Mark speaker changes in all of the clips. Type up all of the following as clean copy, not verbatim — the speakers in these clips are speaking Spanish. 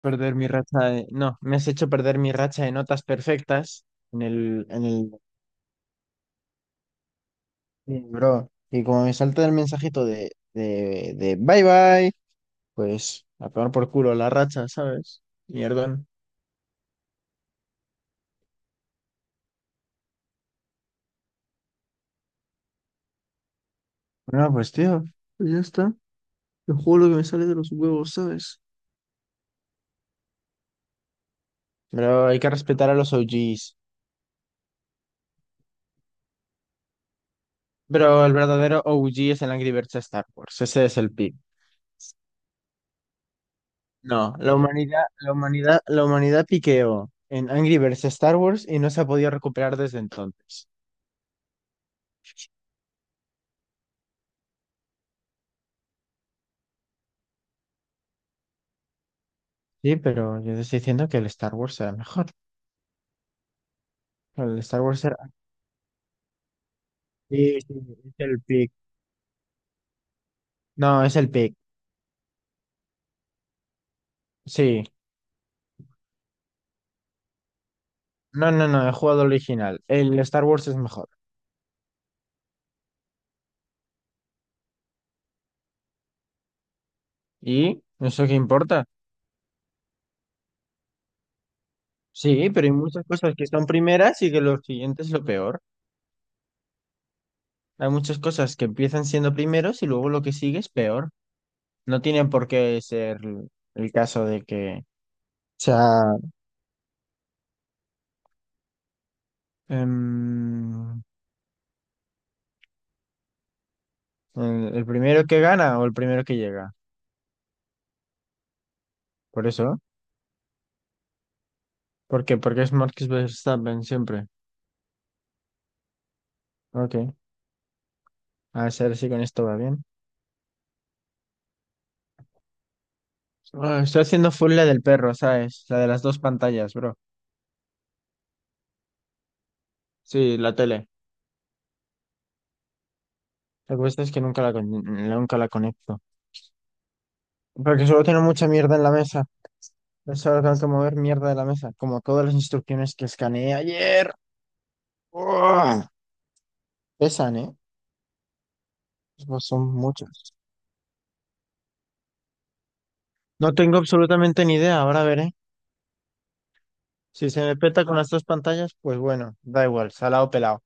Speaker 1: Perder mi racha de... No, me has hecho perder mi racha de notas perfectas en el... En el... Sí, bro, y como me salta el mensajito de bye bye, pues a tomar por culo la racha, ¿sabes? Mierdón. Bueno, pues tío, pues ya está. Yo juego lo que me sale de los huevos, ¿sabes? Pero hay que respetar a los OGs. Pero el verdadero OG es el Angry Birds de Star Wars. Ese es el pick. No, la humanidad, la humanidad, la humanidad piqueó en Angry Birds Star Wars y no se ha podido recuperar desde entonces. Sí, pero yo te estoy diciendo que el Star Wars era mejor. El Star Wars era. Sí, sí, es el pick. No, es el pick. Sí. No, no, no, he jugado el original. El Star Wars es mejor. ¿Y? ¿Eso qué importa? Sí, pero hay muchas cosas que son primeras y que lo siguiente es lo peor. Hay muchas cosas que empiezan siendo primeros y luego lo que sigue es peor. No tiene por qué ser el caso de que sea Em, el primero que gana o el primero que llega. Por eso. ¿Por qué? Porque es Marcus Verstappen siempre. Ok. A ver si con esto va bien. Ah, estoy haciendo full la del perro, ¿sabes? La de las dos pantallas, bro. Sí, la tele. Lo que pasa es que nunca la conecto. Porque solo tengo mucha mierda en la mesa. Solo tengo que mover mierda de la mesa. Como todas las instrucciones que escaneé ayer. ¡Uah! Pesan, ¿eh? Pues son muchas. No tengo absolutamente ni idea. Ahora veré. Si se me peta con las dos pantallas, pues bueno, da igual, salado pelado,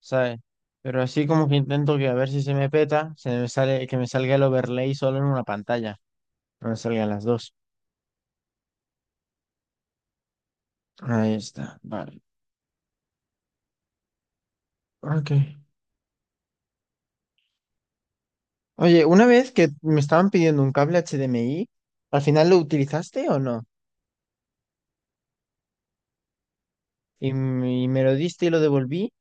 Speaker 1: ¿sabes? Pero así como que intento que a ver si se me peta, se me sale, que me salga el overlay solo en una pantalla, no me salgan las dos. Ahí está, vale. Ok. Oye, una vez que me estaban pidiendo un cable HDMI, ¿al final lo utilizaste o no? Y, y me lo diste y lo devolví,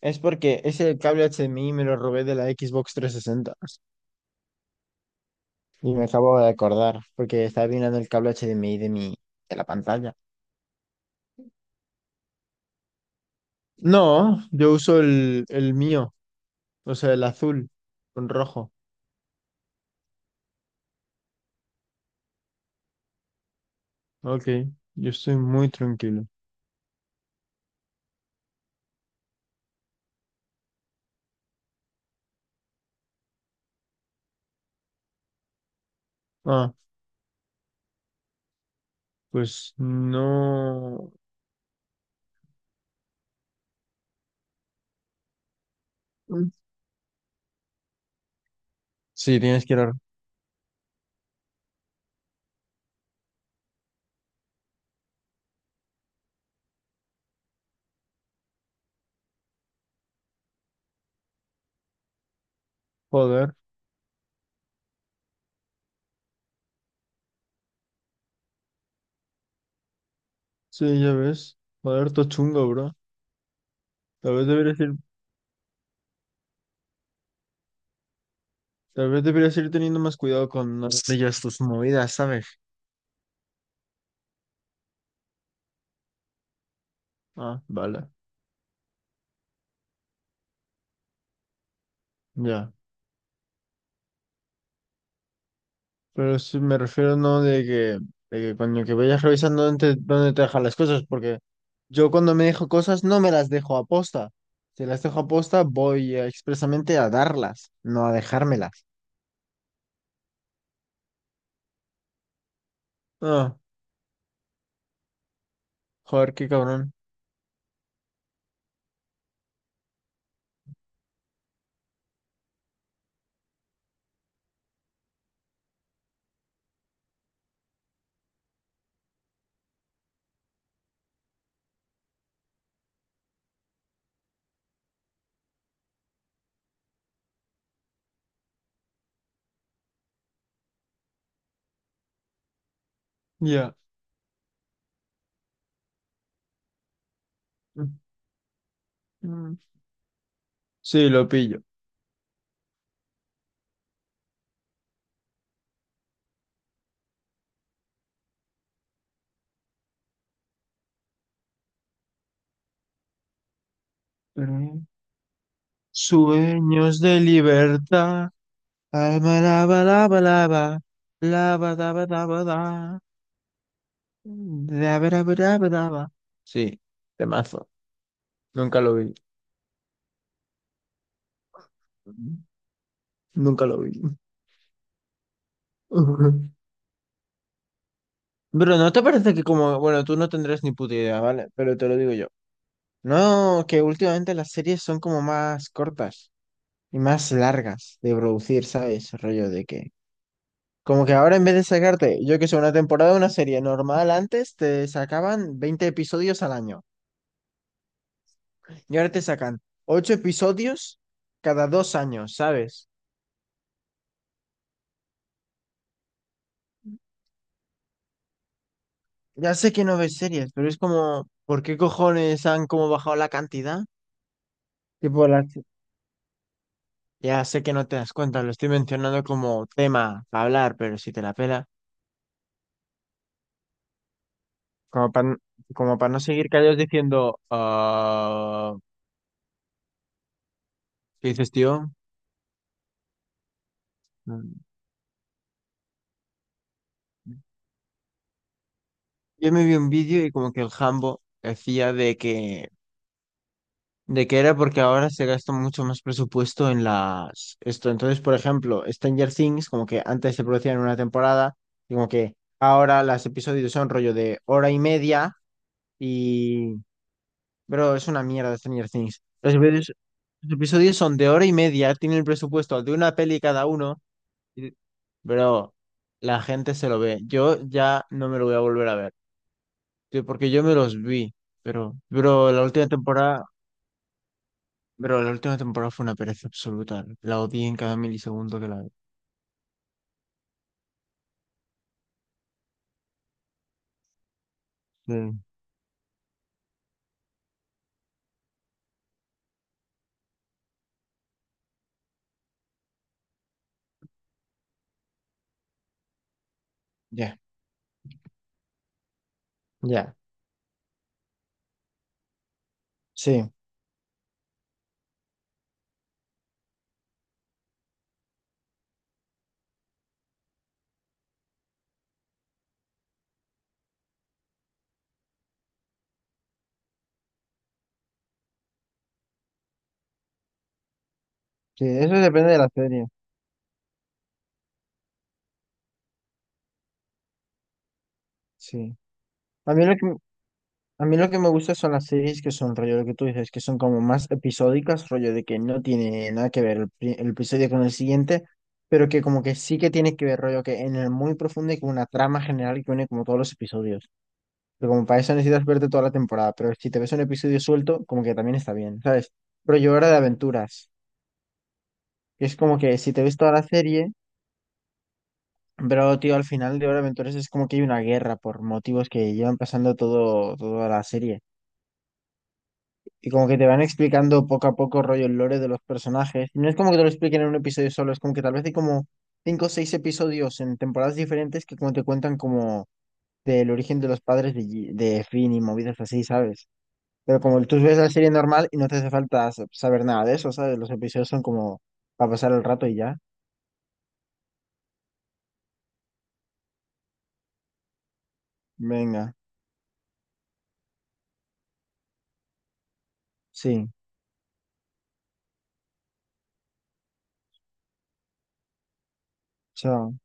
Speaker 1: es porque ese cable HDMI me lo robé de la Xbox 360. Y me acabo de acordar, porque estaba mirando el cable HDMI de la pantalla. No, yo uso el mío, o sea, el azul con rojo. Ok, yo estoy muy tranquilo. Ah, pues no. Mm. Sí, tienes que ir a. Joder, sí, ya ves. Joder, todo chungo, bro. Tal vez deberías ir, tal vez deberías ir teniendo más cuidado con no hacer ya tus movidas, ¿sabes? Ah, vale, ya. Pero sí me refiero no de que, de que cuando que vayas revisando dónde te dejan las cosas, porque yo cuando me dejo cosas no me las dejo a posta. Si las dejo a posta, voy expresamente a darlas, no a dejármelas. Ah, joder, qué cabrón. Ya. Mm. Sí, lo pillo. Mm. Sueños de libertad. Alma lava lava lava. Lava daba daba da. Daba daba daba daba. Sí, temazo. Nunca lo vi. Nunca lo vi. Ujú. Pero ¿no te parece que, como, bueno, tú no tendrás ni puta idea, vale? Pero te lo digo yo. No, que últimamente las series son como más cortas y más largas de producir, ¿sabes? Rollo de que. Como que ahora en vez de sacarte, yo que sé, una temporada de una serie normal antes, te sacaban 20 episodios al año. Y ahora te sacan 8 episodios cada 2 años, ¿sabes? Ya sé que no ves series, pero es como, ¿por qué cojones han como bajado la cantidad? Tipo, las, Ya sé que no te das cuenta, lo estoy mencionando como tema para hablar, pero si te la pela, como para, como para no seguir callados diciendo, ah, ¿qué dices, tío? Mm. Yo me vi un vídeo y como que el Jambo decía de que era porque ahora se gasta mucho más presupuesto en las. Esto, entonces, por ejemplo, Stranger Things, como que antes se producía en una temporada, y como que ahora los episodios son rollo de hora y media. Bro, es una mierda Stranger Things. Los episodios son de hora y media, tienen el presupuesto de una peli cada uno. y- Bro, la gente se lo ve. Yo ya no me lo voy a volver a ver. Tío, porque yo me los vi. Pero, bro, bro, la última temporada fue una pereza absoluta. La odié en cada milisegundo que la vi. Mm, ya, ya. Sí, sí, eso depende de la serie. Sí. A mí lo que, a mí lo que me gusta son las series que son rollo lo que tú dices, que son como más episódicas, rollo de que no tiene nada que ver el episodio con el siguiente, pero que como que sí que tiene que ver rollo que en el muy profundo y con una trama general que une como todos los episodios. Pero como para eso necesitas verte toda la temporada, pero si te ves un episodio suelto, como que también está bien, ¿sabes? Rollo Hora de Aventuras, que es como que si te ves toda la serie, pero tío, al final de Hora de Aventuras es como que hay una guerra por motivos que llevan pasando todo, toda la serie. Y como que te van explicando poco a poco rollo el lore de los personajes. No es como que te lo expliquen en un episodio solo, es como que tal vez hay como cinco o seis episodios en temporadas diferentes que como te cuentan como del origen de los padres de Finn y movidas así, ¿sabes? Pero como tú ves la serie normal y no te hace falta saber nada de eso, ¿sabes? Los episodios son como para pasar el rato y ya. Venga, sí, chao.